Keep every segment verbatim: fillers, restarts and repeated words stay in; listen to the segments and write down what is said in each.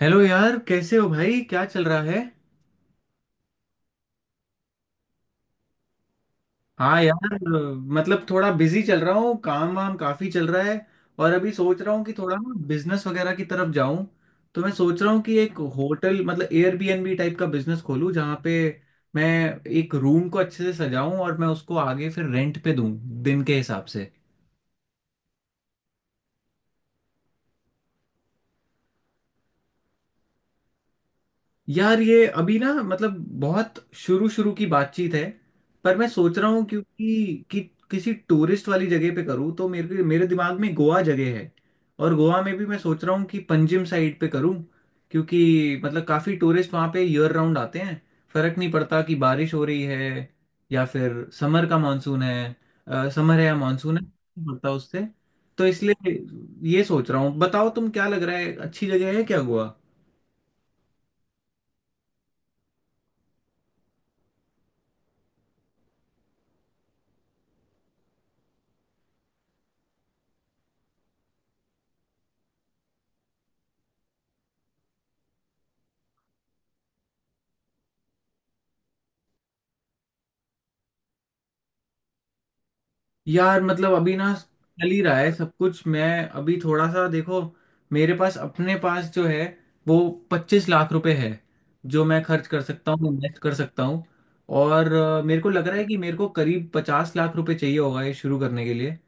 Hello यार, कैसे हो भाई? क्या चल रहा है? हाँ यार, अ, मतलब थोड़ा बिजी चल रहा हूँ। काम वाम काफी चल रहा है। और अभी सोच रहा हूँ कि थोड़ा ना बिजनेस वगैरह की तरफ जाऊँ। तो मैं सोच रहा हूँ कि एक होटल मतलब एयरबीएनबी टाइप का बिजनेस खोलूँ, जहाँ पे मैं एक रूम को अच्छे से सजाऊँ और मैं उसको आगे फिर रेंट पे दूँ, दिन के हिसाब से। यार, ये अभी ना मतलब बहुत शुरू शुरू की बातचीत है। पर मैं सोच रहा हूँ क्योंकि कि, किसी टूरिस्ट वाली जगह पे करूँ, तो मेरे मेरे दिमाग में गोवा जगह है। और गोवा में भी मैं सोच रहा हूँ कि पंजिम साइड पे करूँ, क्योंकि मतलब काफ़ी टूरिस्ट वहाँ पे ईयर राउंड आते हैं। फर्क नहीं पड़ता कि बारिश हो रही है या फिर समर का मानसून है। समर है या मानसून है, नहीं पड़ता उससे। तो इसलिए ये सोच रहा हूँ। बताओ तुम, क्या लग रहा है? अच्छी जगह है क्या गोवा? यार मतलब अभी ना चल ही रहा है सब कुछ। मैं अभी थोड़ा सा, देखो, मेरे पास अपने पास जो है वो पच्चीस लाख रुपए है, जो मैं खर्च कर सकता हूँ, इन्वेस्ट कर सकता हूँ। और अ, मेरे को लग रहा है कि मेरे को करीब पचास लाख रुपए चाहिए होगा ये शुरू करने के लिए।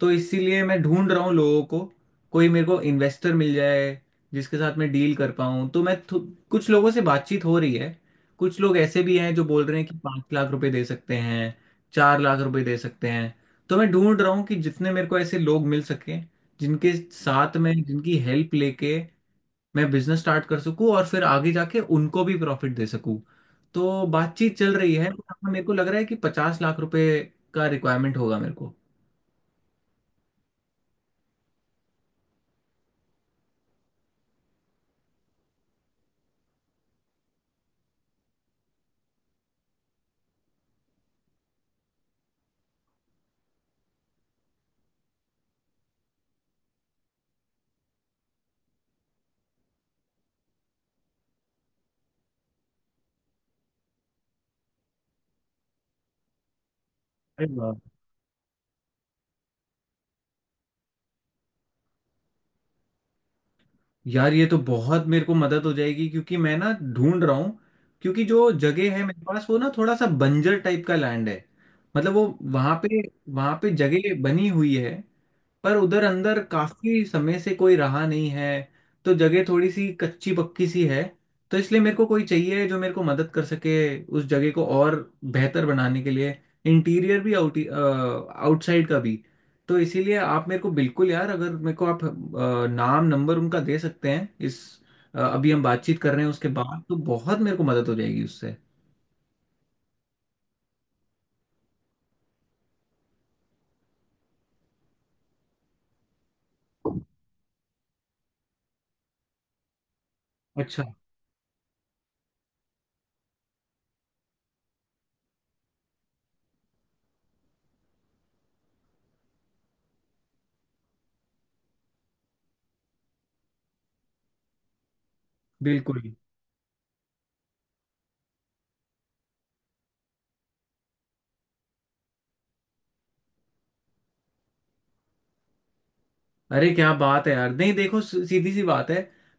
तो इसीलिए मैं ढूंढ रहा हूँ लोगों को, कोई मेरे को इन्वेस्टर मिल जाए जिसके साथ मैं डील कर पाऊँ। तो मैं थो- कुछ लोगों से बातचीत हो रही है। कुछ लोग ऐसे भी हैं जो बोल रहे हैं कि पाँच लाख रुपए दे सकते हैं, चार लाख रुपए दे सकते हैं। तो मैं ढूंढ रहा हूँ कि जितने मेरे को ऐसे लोग मिल सके, जिनके साथ में जिनकी हेल्प लेके मैं बिजनेस स्टार्ट कर सकूँ और फिर आगे जाके उनको भी प्रॉफिट दे सकूँ। तो बातचीत चल रही है। मेरे को लग रहा है कि पचास लाख रुपए का रिक्वायरमेंट होगा मेरे को। यार ये तो बहुत मेरे को मदद हो जाएगी, क्योंकि मैं ना ढूंढ रहा हूँ। क्योंकि जो जगह है मेरे पास, वो ना थोड़ा सा बंजर टाइप का लैंड है। मतलब वो वहां पे वहां पे जगह बनी हुई है, पर उधर अंदर काफी समय से कोई रहा नहीं है। तो जगह थोड़ी सी कच्ची पक्की सी है। तो इसलिए मेरे को कोई चाहिए जो मेरे को मदद कर सके उस जगह को और बेहतर बनाने के लिए। इंटीरियर भी, आउट आउटसाइड का भी। तो इसीलिए आप मेरे को बिल्कुल, यार, अगर मेरे को आप अ, नाम नंबर उनका दे सकते हैं, इस अ, अभी हम बातचीत कर रहे हैं उसके बाद, तो बहुत मेरे को मदद हो जाएगी उससे। अच्छा, बिल्कुल। अरे क्या बात है यार, नहीं, देखो, स- सीधी सी बात है,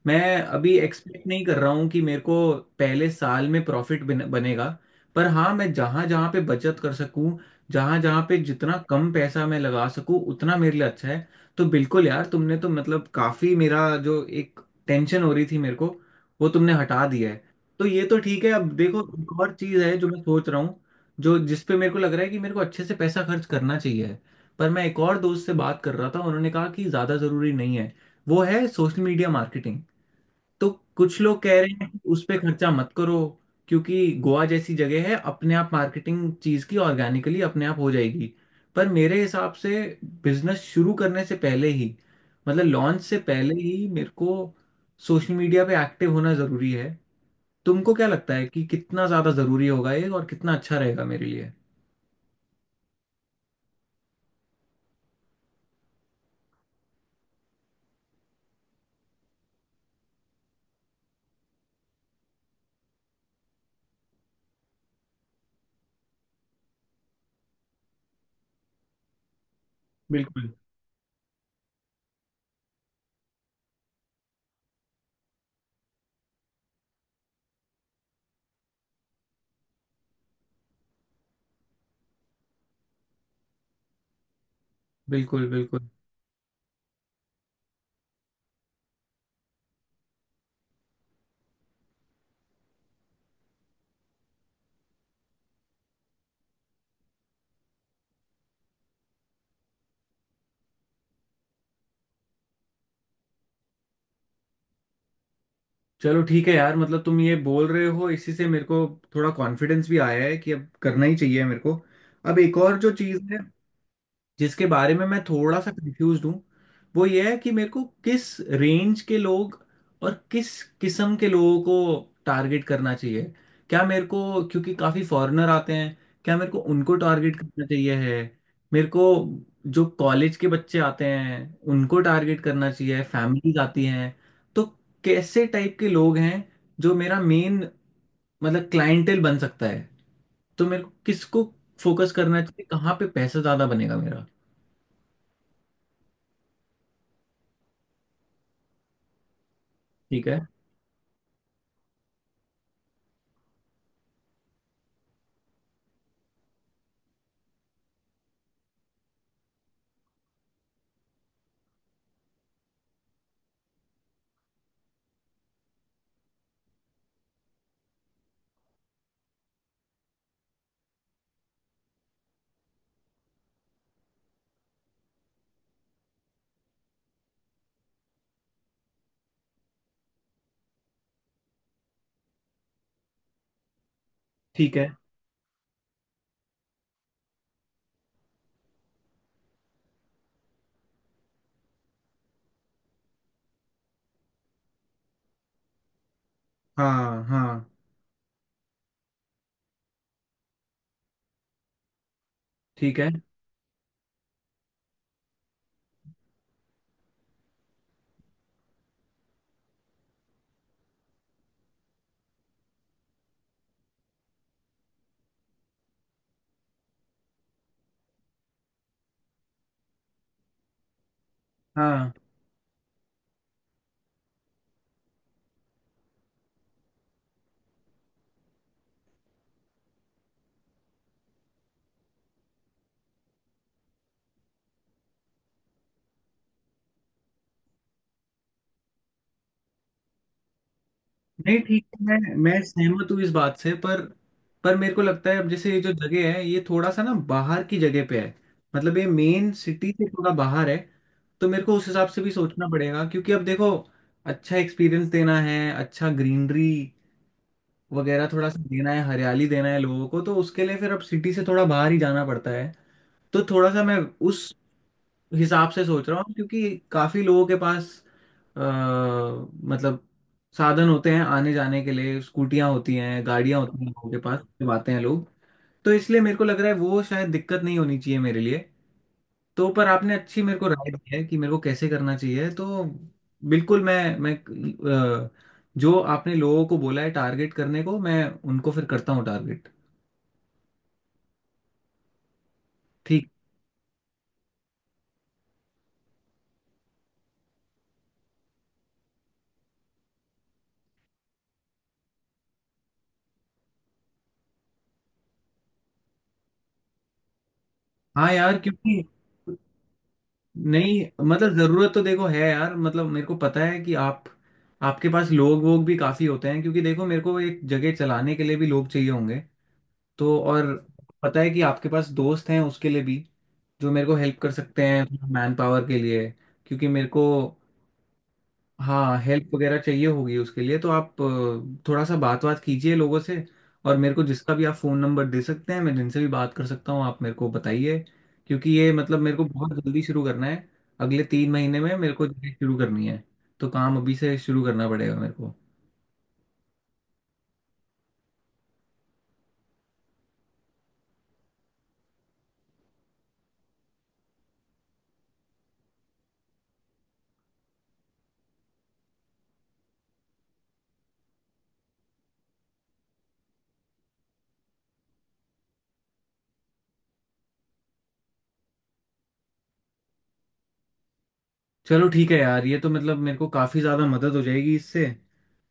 मैं अभी एक्सपेक्ट नहीं कर रहा हूँ कि मेरे को पहले साल में प्रॉफिट बनेगा। पर हाँ, मैं जहाँ जहाँ पे बचत कर सकूँ, जहाँ जहाँ पे जितना कम पैसा मैं लगा सकूँ, उतना मेरे लिए अच्छा है। तो बिल्कुल यार, तुमने तो मतलब काफ़ी मेरा जो एक टेंशन हो रही थी मेरे को, वो तुमने हटा दिया है। तो ये तो ठीक है। अब देखो, एक और चीज़ है जो मैं सोच रहा हूँ, जो जिस पे मेरे को लग रहा है कि मेरे को अच्छे से पैसा खर्च करना चाहिए, पर मैं एक और दोस्त से बात कर रहा था उन्होंने कहा कि ज़्यादा ज़रूरी नहीं है। वो है सोशल मीडिया मार्केटिंग। तो कुछ लोग कह रहे हैं कि उस पर खर्चा मत करो, क्योंकि गोवा जैसी जगह है, अपने आप मार्केटिंग चीज़ की ऑर्गेनिकली अपने आप हो जाएगी। पर मेरे हिसाब से बिजनेस शुरू करने से पहले ही, मतलब लॉन्च से पहले ही मेरे को सोशल मीडिया पे एक्टिव होना ज़रूरी है। तुमको क्या लगता है, कि कितना ज़्यादा ज़रूरी होगा ये और कितना अच्छा रहेगा मेरे लिए? बिल्कुल, बिल्कुल, बिल्कुल। चलो ठीक है यार, मतलब तुम ये बोल रहे हो इसी से मेरे को थोड़ा कॉन्फिडेंस भी आया है कि अब करना ही चाहिए मेरे को। अब एक और जो चीज़ है, जिसके बारे में मैं थोड़ा सा कंफ्यूज हूँ, वो ये है कि मेरे को किस रेंज के लोग और किस किस्म के लोगों को टारगेट करना चाहिए। क्या मेरे को, क्योंकि काफ़ी फॉरेनर आते हैं, क्या मेरे को उनको टारगेट करना चाहिए है मेरे को? जो कॉलेज के बच्चे आते हैं उनको टारगेट करना चाहिए? फैमिलीज आती हैं? तो कैसे टाइप के लोग हैं जो मेरा मेन मतलब क्लाइंटेल बन सकता है? तो मेरे को किसको फोकस करना चाहिए? कहाँ पे पैसा ज़्यादा बनेगा मेरा? ठीक है। ठीक है। हाँ हाँ। ठीक है। हाँ, नहीं ठीक है। मैं मैं सहमत हूँ इस बात से, पर पर मेरे को लगता है, अब जैसे ये जो जगह है ये थोड़ा सा ना बाहर की जगह पे है। मतलब ये मेन सिटी से थोड़ा बाहर है। तो मेरे को उस हिसाब से भी सोचना पड़ेगा, क्योंकि अब देखो अच्छा एक्सपीरियंस देना है, अच्छा ग्रीनरी वगैरह थोड़ा सा देना है, हरियाली देना है लोगों को, तो उसके लिए फिर अब सिटी से थोड़ा बाहर ही जाना पड़ता है। तो थोड़ा सा मैं उस हिसाब से सोच रहा हूँ। क्योंकि काफी लोगों के पास अ, मतलब साधन होते हैं आने जाने के लिए, स्कूटियां होती हैं गाड़ियां होती हैं लोगों के पास, चलाते हैं लोग। तो इसलिए मेरे को लग रहा है वो शायद दिक्कत नहीं होनी चाहिए मेरे लिए। तो पर आपने अच्छी मेरे को राय दी है कि मेरे को कैसे करना चाहिए, तो बिल्कुल मैं मैं अ, जो आपने लोगों को बोला है टारगेट करने को, मैं उनको फिर करता हूँ टारगेट। ठीक। हाँ यार, क्योंकि नहीं, मतलब जरूरत तो देखो है यार, मतलब मेरे को पता है कि आप, आपके पास लोग वोग भी काफी होते हैं। क्योंकि देखो मेरे को एक जगह चलाने के लिए भी लोग चाहिए होंगे, तो और पता है कि आपके पास दोस्त हैं उसके लिए भी, जो मेरे को हेल्प कर सकते हैं मैन पावर के लिए। क्योंकि मेरे को हाँ हेल्प वगैरह चाहिए होगी उसके लिए, तो आप अ, थोड़ा सा बात बात कीजिए लोगों से। और मेरे को जिसका भी आप फ़ोन नंबर दे सकते हैं, मैं जिनसे भी बात कर सकता हूँ, आप मेरे को बताइए। क्योंकि ये मतलब मेरे को बहुत जल्दी शुरू करना है। अगले तीन महीने में मेरे को जॉब शुरू करनी है। तो काम अभी से शुरू करना पड़ेगा मेरे को। चलो ठीक है यार, ये तो मतलब मेरे को काफ़ी ज़्यादा मदद हो जाएगी इससे।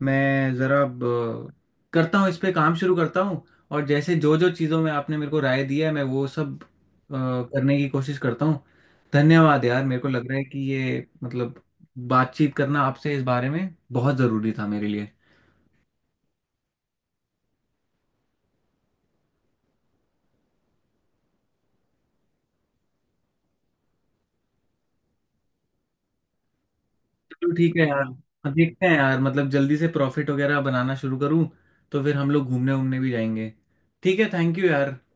मैं ज़रा अब, अ, करता हूँ, इस पे काम शुरू करता हूँ। और जैसे जो जो चीज़ों में आपने मेरे को राय दिया है, मैं वो सब अ, करने की कोशिश करता हूँ। धन्यवाद यार, मेरे को लग रहा है कि ये मतलब बातचीत करना आपसे इस बारे में बहुत ज़रूरी था मेरे लिए। चलो ठीक है यार, अब देखते हैं यार, मतलब जल्दी से प्रॉफिट वगैरह बनाना शुरू करूँ, तो फिर हम लोग घूमने वूमने भी जाएंगे। ठीक है, थैंक यू यार।